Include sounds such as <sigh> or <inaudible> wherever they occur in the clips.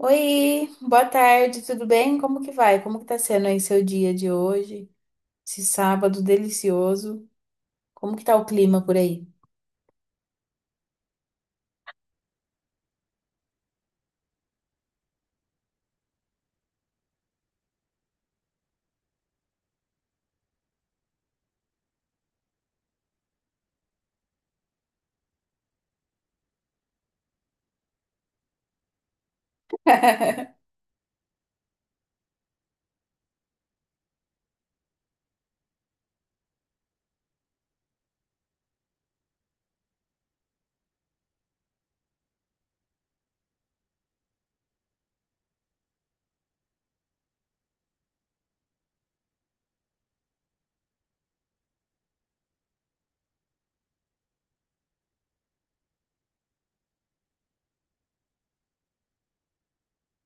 Oi, boa tarde, tudo bem? Como que vai? Como que tá sendo aí seu dia de hoje? Esse sábado delicioso. Como que tá o clima por aí? <laughs>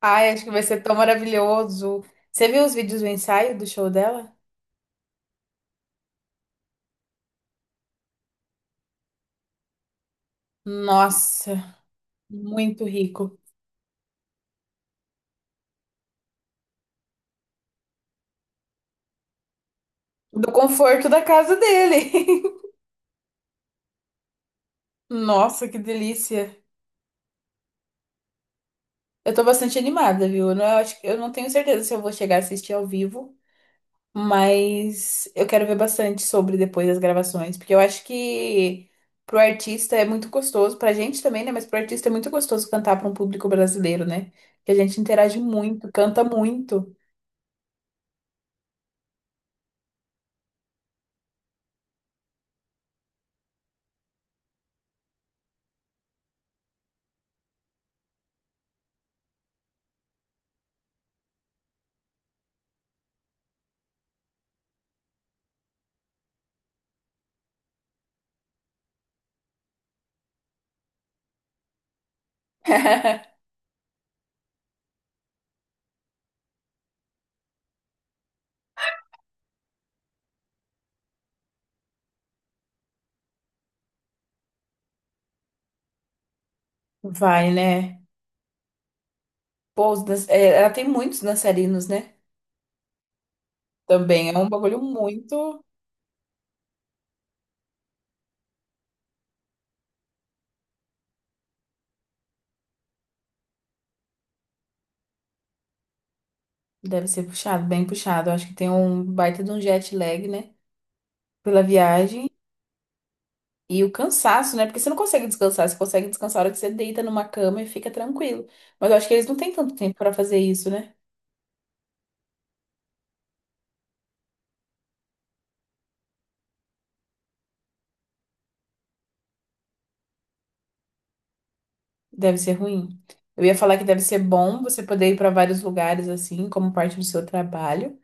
Ai, acho que vai ser tão maravilhoso. Você viu os vídeos do ensaio do show dela? Nossa, muito rico. Do conforto da casa dele. <laughs> Nossa, que delícia. Eu tô bastante animada, viu? Eu não tenho certeza se eu vou chegar a assistir ao vivo. Mas eu quero ver bastante sobre depois das gravações, porque eu acho que pro artista é muito gostoso, pra gente também, né? Mas pro artista é muito gostoso cantar pra um público brasileiro, né? Que a gente interage muito, canta muito. <laughs> Vai, né? Pô, ela tem muitos dançarinos, né? Também é um bagulho muito. Deve ser puxado, bem puxado. Eu acho que tem um baita de um jet lag, né? Pela viagem. E o cansaço, né? Porque você não consegue descansar, você consegue descansar a hora que você deita numa cama e fica tranquilo. Mas eu acho que eles não têm tanto tempo pra fazer isso, né? Deve ser ruim. Eu ia falar que deve ser bom você poder ir pra vários lugares assim, como parte do seu trabalho.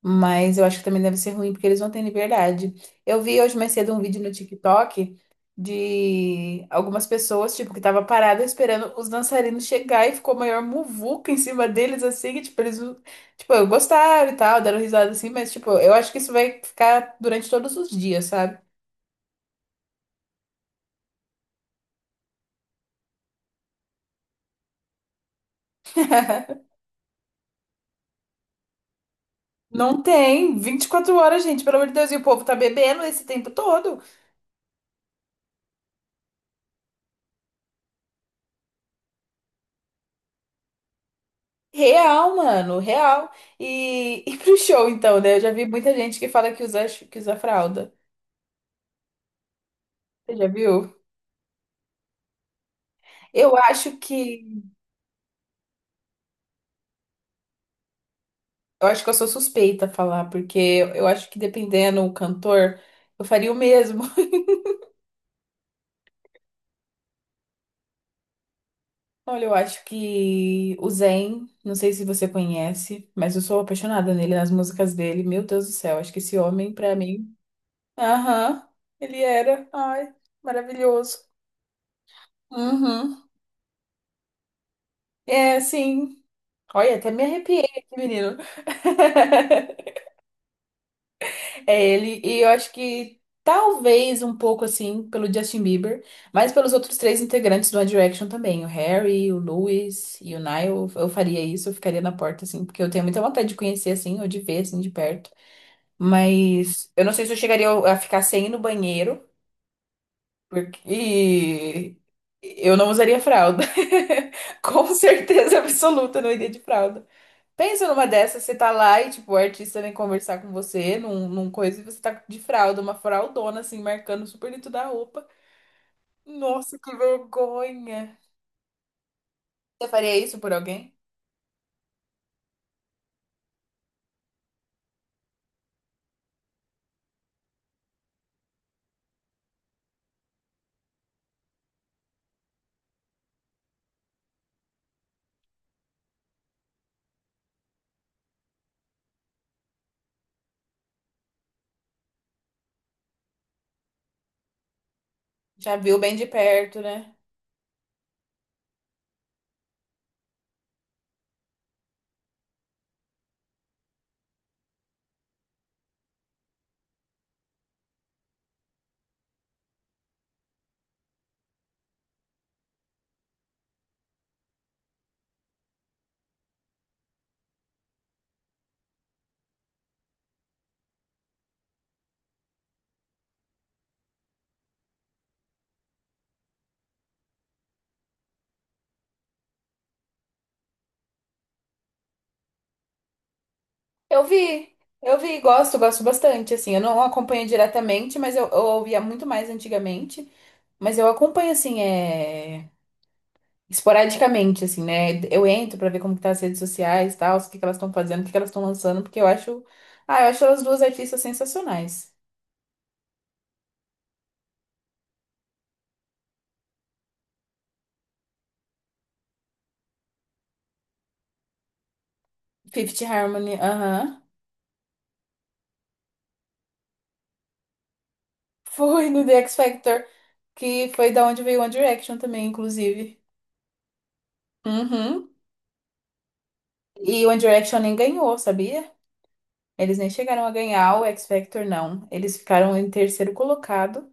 Mas eu acho que também deve ser ruim, porque eles não têm liberdade. Eu vi hoje mais cedo um vídeo no TikTok de algumas pessoas, tipo, que tava parada esperando os dançarinos chegar e ficou a maior muvuca em cima deles, assim, que, tipo, eles, não- tipo, gostaram e tal, deram risada assim, mas, tipo, eu acho que isso vai ficar durante todos os dias, sabe? <laughs> Não tem 24 horas, gente, pelo amor de Deus, e o povo tá bebendo esse tempo todo. Real, mano, real. E, <laughs> e pro show, então, né? Eu já vi muita gente que fala que usa fralda. Você já viu? Eu acho que. Eu acho que eu sou suspeita a falar, porque eu acho que dependendo do cantor, eu faria o mesmo. <laughs> Olha, eu acho que o Zayn, não sei se você conhece, mas eu sou apaixonada nele, nas músicas dele. Meu Deus do céu, acho que esse homem, pra mim. Aham, ele era. Ai, maravilhoso. Uhum. É, sim. Olha, até me arrepiei aqui, menino. <laughs> É ele. E eu acho que talvez um pouco assim pelo Justin Bieber, mas pelos outros três integrantes do One Direction também, o Harry, o Louis e o Niall, eu faria isso, eu ficaria na porta assim, porque eu tenho muita vontade de conhecer assim, ou de ver assim de perto. Mas eu não sei se eu chegaria a ficar sem ir no banheiro, porque e eu não usaria fralda. <laughs> Com certeza absoluta, eu não iria de fralda. Pensa numa dessas, você tá lá e, tipo, o artista vem conversar com você num coisa e você tá de fralda, uma fraldona, assim, marcando super dentro da roupa. Nossa, que vergonha. Você faria isso por alguém? Já viu bem de perto, né? Eu vi, eu vi, gosto, gosto bastante, assim. Eu não acompanho diretamente, mas eu ouvia muito mais antigamente. Mas eu acompanho, assim, é. Esporadicamente, assim, né? Eu entro pra ver como que tá as redes sociais e tal, o que que elas estão fazendo, o que que elas estão lançando, porque eu acho. Ah, eu acho elas duas artistas sensacionais. Fifth Harmony, aham. Foi no The X Factor, que foi da onde veio One Direction também, inclusive. Uhum. E One Direction nem ganhou, sabia? Eles nem chegaram a ganhar o X Factor, não. Eles ficaram em terceiro colocado.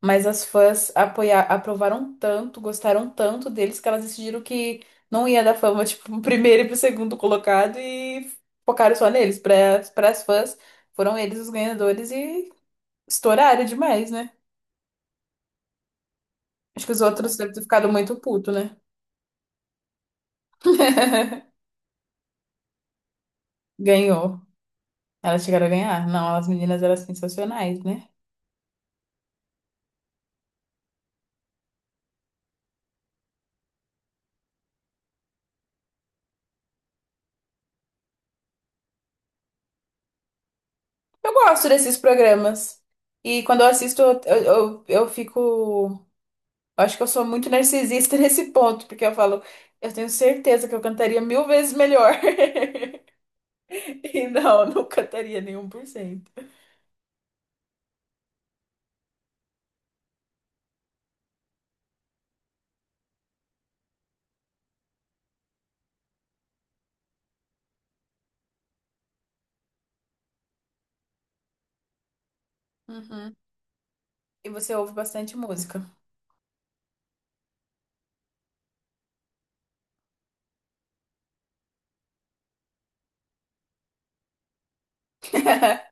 Mas as fãs aprovaram tanto, gostaram tanto deles, que elas decidiram que não ia dar fama, <laughs> tipo, pro primeiro e pro segundo colocado e focaram só neles. Para as fãs, foram eles os ganhadores e estouraram demais, né? Acho que os outros devem ter ficado muito puto, né? <laughs> Ganhou. Elas chegaram a ganhar? Não, as meninas eram sensacionais, né? Eu gosto desses programas. E quando eu assisto, eu fico. Acho que eu sou muito narcisista <laughs> nesse ponto, porque eu falo, eu tenho certeza que eu cantaria mil vezes melhor. <laughs> E não, não cantaria nenhum por cento. Uhum. E você ouve bastante música. <laughs>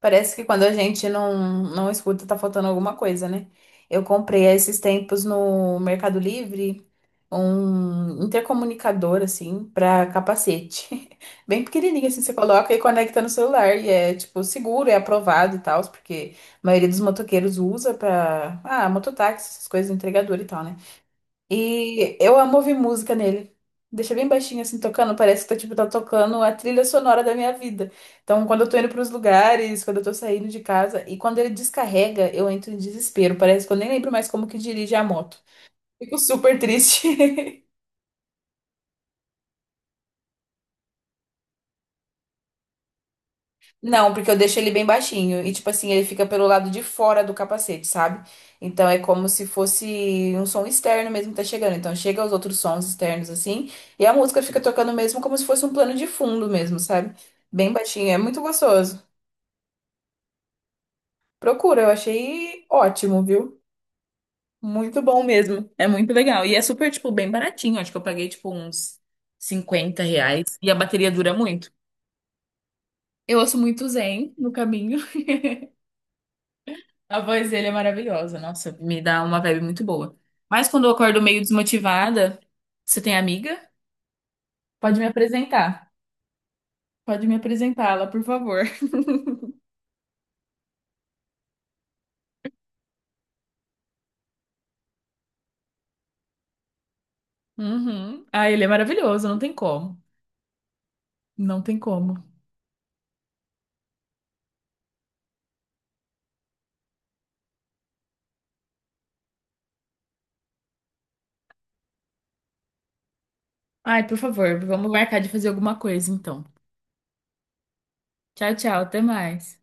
Parece que quando a gente não escuta, tá faltando alguma coisa, né? Eu comprei há esses tempos no Mercado Livre um intercomunicador, assim, pra capacete. <laughs> Bem pequenininho, assim, você coloca e conecta no celular. E é, tipo, seguro, é aprovado e tal, porque a maioria dos motoqueiros usa pra. Ah, mototáxi, essas coisas, entregador e tal, né? E eu amo ouvir música nele. Deixa bem baixinho assim tocando, parece que tá, tipo, tá tocando a trilha sonora da minha vida. Então, quando eu tô indo pros lugares, quando eu tô saindo de casa, e quando ele descarrega, eu entro em desespero. Parece que eu nem lembro mais como que dirige a moto. Fico super triste. <laughs> Não, porque eu deixo ele bem baixinho. E, tipo assim, ele fica pelo lado de fora do capacete, sabe? Então é como se fosse um som externo mesmo que tá chegando. Então chega os outros sons externos, assim. E a música fica tocando mesmo como se fosse um plano de fundo mesmo, sabe? Bem baixinho. É muito gostoso. Procura, eu achei ótimo, viu? Muito bom mesmo. É muito legal. E é super, tipo, bem baratinho. Acho que eu paguei, tipo, uns R$ 50. E a bateria dura muito. Eu ouço muito Zen no caminho. A voz dele é maravilhosa, nossa, me dá uma vibe muito boa. Mas quando eu acordo meio desmotivada, você tem amiga? Pode me apresentar. Pode me apresentá-la, por favor. Uhum. Ah, ele é maravilhoso, não tem como. Não tem como. Ai, por favor, vamos marcar de fazer alguma coisa então. Tchau, tchau, até mais.